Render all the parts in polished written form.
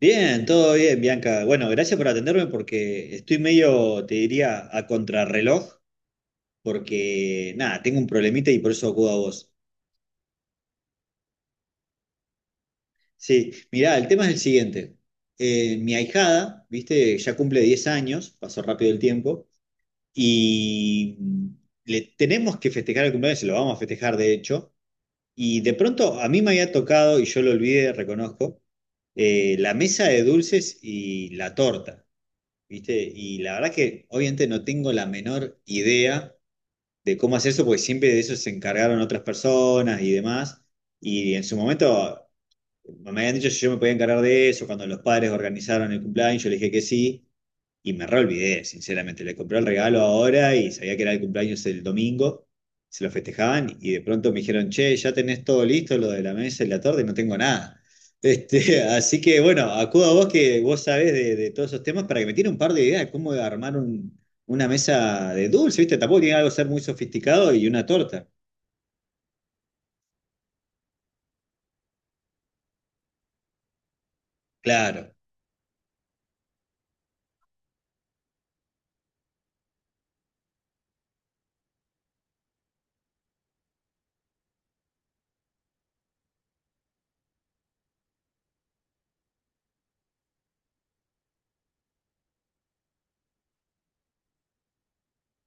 Bien, todo bien, Bianca. Bueno, gracias por atenderme porque estoy medio, te diría, a contrarreloj, porque nada, tengo un problemita y por eso acudo a vos. Sí, mirá, el tema es el siguiente. Mi ahijada, viste, ya cumple 10 años, pasó rápido el tiempo, y le tenemos que festejar el cumpleaños, se lo vamos a festejar de hecho, y de pronto a mí me había tocado, y yo lo olvidé, reconozco, la mesa de dulces y la torta. ¿Viste? Y la verdad que obviamente no tengo la menor idea de cómo hacer eso, porque siempre de eso se encargaron otras personas y demás. Y en su momento me habían dicho si yo me podía encargar de eso, cuando los padres organizaron el cumpleaños, yo le dije que sí. Y me re olvidé, sinceramente. Le compré el regalo ahora y sabía que era el cumpleaños el domingo. Se lo festejaban y de pronto me dijeron, che, ya tenés todo listo, lo de la mesa y la torta, y no tengo nada. Así que bueno, acudo a vos que vos sabés de todos esos temas para que me tire un par de ideas de cómo armar una mesa de dulce, ¿viste? Tampoco tiene algo que ser muy sofisticado y una torta. Claro.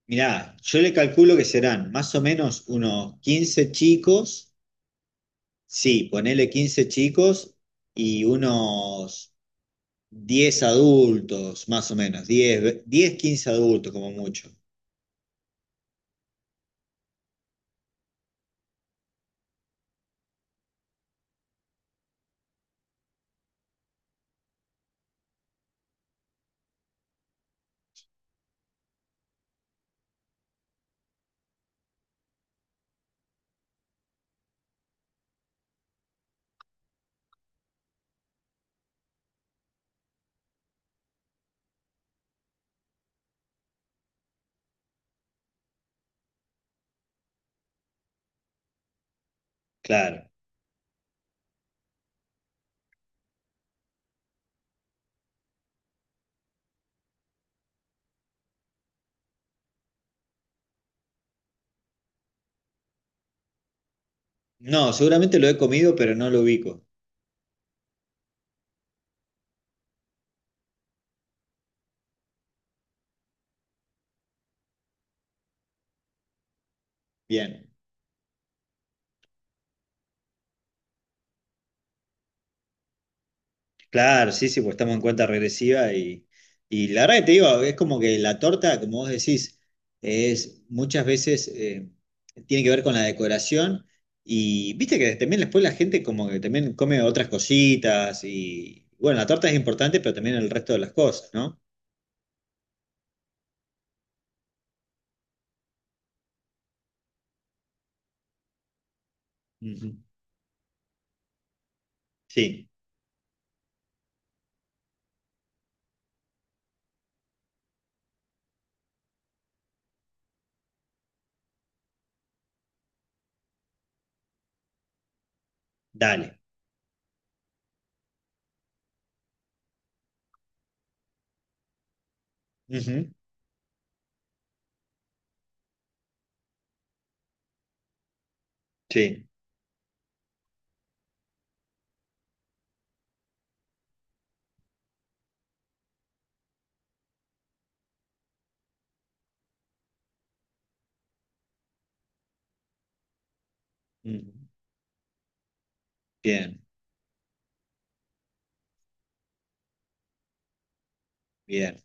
Mirá, yo le calculo que serán más o menos unos 15 chicos. Sí, ponele 15 chicos y unos 10 adultos, más o menos, 10, 15 adultos como mucho, claro. No, seguramente lo he comido, pero no lo ubico. Bien, claro, sí, sí, pues estamos en cuenta regresiva y la verdad que te digo, es como que la torta, como vos decís, es muchas veces tiene que ver con la decoración y viste que también después la gente como que también come otras cositas y bueno, la torta es importante, pero también el resto de las cosas, ¿no? Ujú. Sí, dale. Ujú. Sí. Mm, bien, bien.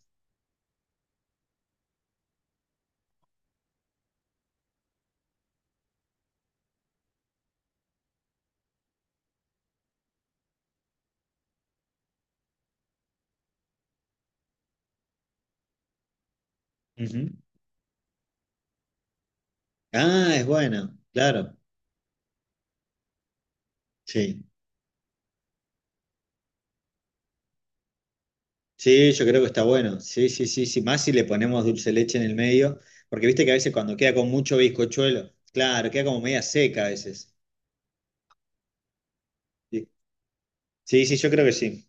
Ujú. Ah, es bueno, claro. Sí. Sí, yo creo que está bueno. Sí, sí, sí, sí. Más si le ponemos dulce de leche en el medio, porque viste que a veces cuando queda con mucho bizcochuelo, claro, queda como media seca a veces. Sí, sí, sí, yo creo que sí.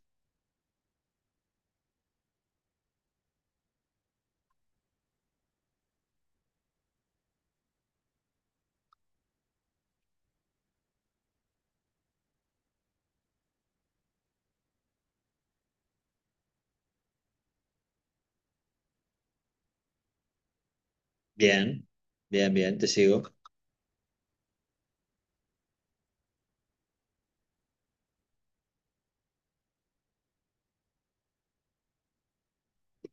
Bien, bien, bien, te sigo.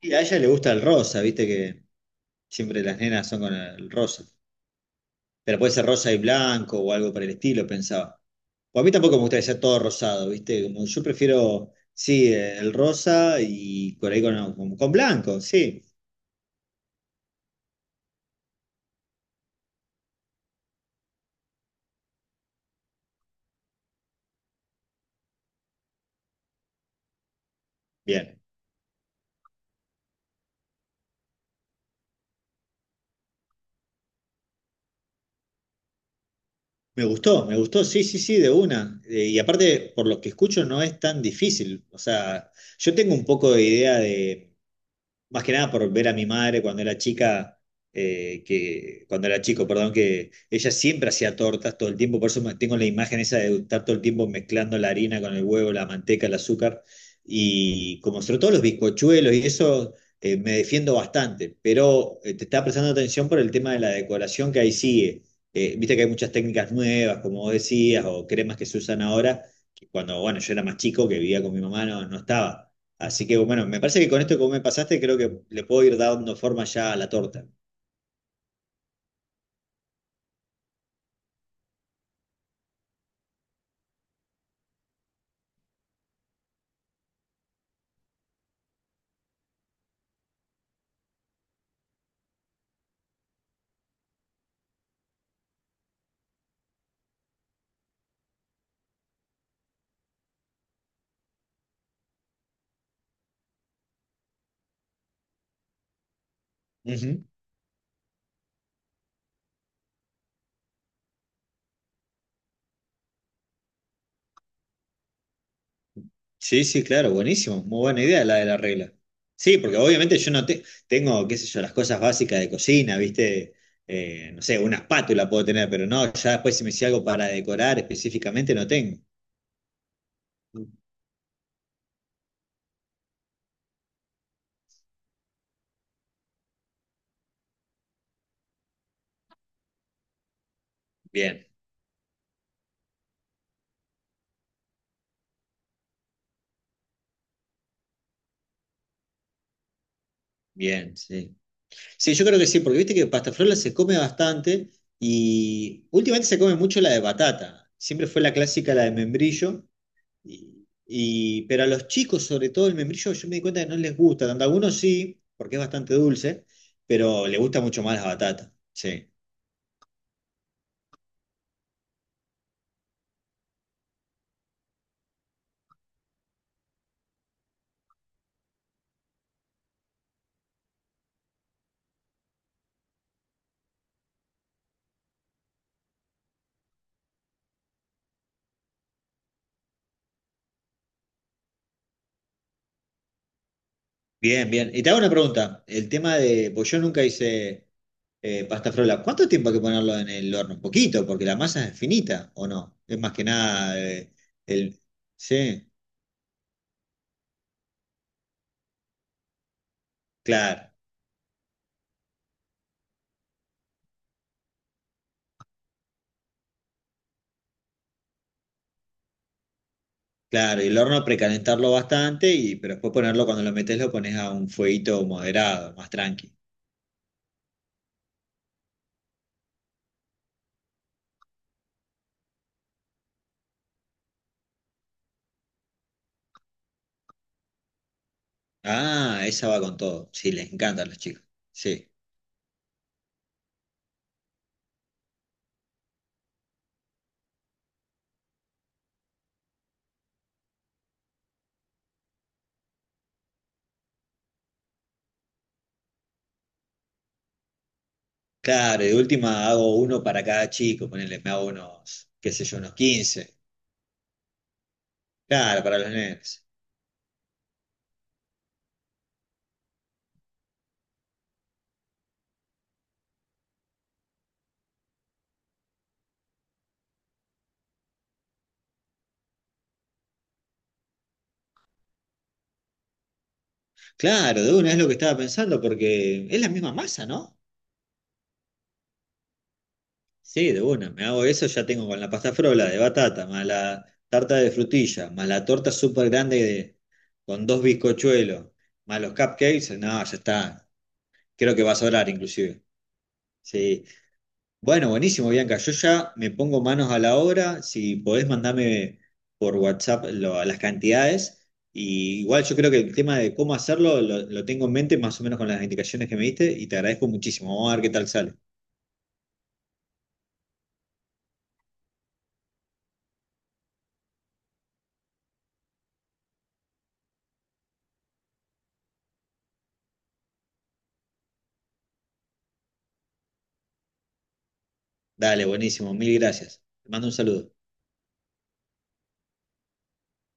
Y a ella le gusta el rosa, viste que siempre las nenas son con el rosa. Pero puede ser rosa y blanco o algo por el estilo, pensaba. O a mí tampoco me gusta que sea todo rosado, ¿viste? Como yo prefiero, sí, el rosa y por ahí con blanco, sí. Bien. Me gustó, sí, sí, sí, de una. Y aparte, por lo que escucho, no es tan difícil. O sea, yo tengo un poco de idea de más que nada por ver a mi madre cuando era chica, que, cuando era chico, perdón, que ella siempre hacía tortas todo el tiempo, por eso tengo la imagen esa de estar todo el tiempo mezclando la harina con el huevo, la manteca, el azúcar, y como sobre todo los bizcochuelos y eso, me defiendo bastante, pero te estaba prestando atención por el tema de la decoración que ahí sigue. Viste que hay muchas técnicas nuevas, como vos decías, o cremas que se usan ahora, que cuando, bueno, yo era más chico, que vivía con mi mamá, no, no estaba. Así que bueno, me parece que con esto que vos me pasaste, creo que le puedo ir dando forma ya a la torta. Ujú. Sí, sí, claro, buenísimo. Muy buena idea la de la regla. Sí, porque obviamente yo no tengo, qué sé yo, las cosas básicas de cocina, ¿viste? No sé, una espátula puedo tener, pero no, ya después si me hice algo para decorar específicamente no tengo. Bien, bien, sí. Sí, yo creo que sí, porque viste que pastafrola se come bastante y últimamente se come mucho la de batata. Siempre fue la clásica, la de membrillo. Pero a los chicos, sobre todo el membrillo, yo me di cuenta que no les gusta tanto. A algunos sí, porque es bastante dulce, pero le gusta mucho más la batata. Sí. Bien, bien. Y te hago una pregunta. El tema de, pues yo nunca hice pasta frola. ¿Cuánto tiempo hay que ponerlo en el horno? Un poquito, porque la masa es finita, ¿o no? Es más que nada el... Sí, claro, claro. Y el horno precalentarlo bastante, y, pero después ponerlo, cuando lo metes, lo pones a un fueguito moderado, más tranqui. Ah, esa va con todo. Sí, les encantan los chicos. Sí. Claro, y de última hago uno para cada chico, ponele, me hago unos, qué sé yo, unos 15. Claro, para los nenes. Claro, de una es lo que estaba pensando, porque es la misma masa, ¿no? Sí, de una, me hago eso, ya tengo con la pasta frola de batata, más la tarta de frutilla, más la torta súper grande de... con dos bizcochuelos, más los cupcakes, no, ya está. Creo que va a sobrar inclusive. Sí. Bueno, buenísimo, Bianca. Yo ya me pongo manos a la obra. Si podés, mandame por WhatsApp las cantidades. Y igual yo creo que el tema de cómo hacerlo lo tengo en mente más o menos con las indicaciones que me diste y te agradezco muchísimo. Vamos a ver qué tal sale. Dale, buenísimo. Mil gracias. Te mando un saludo.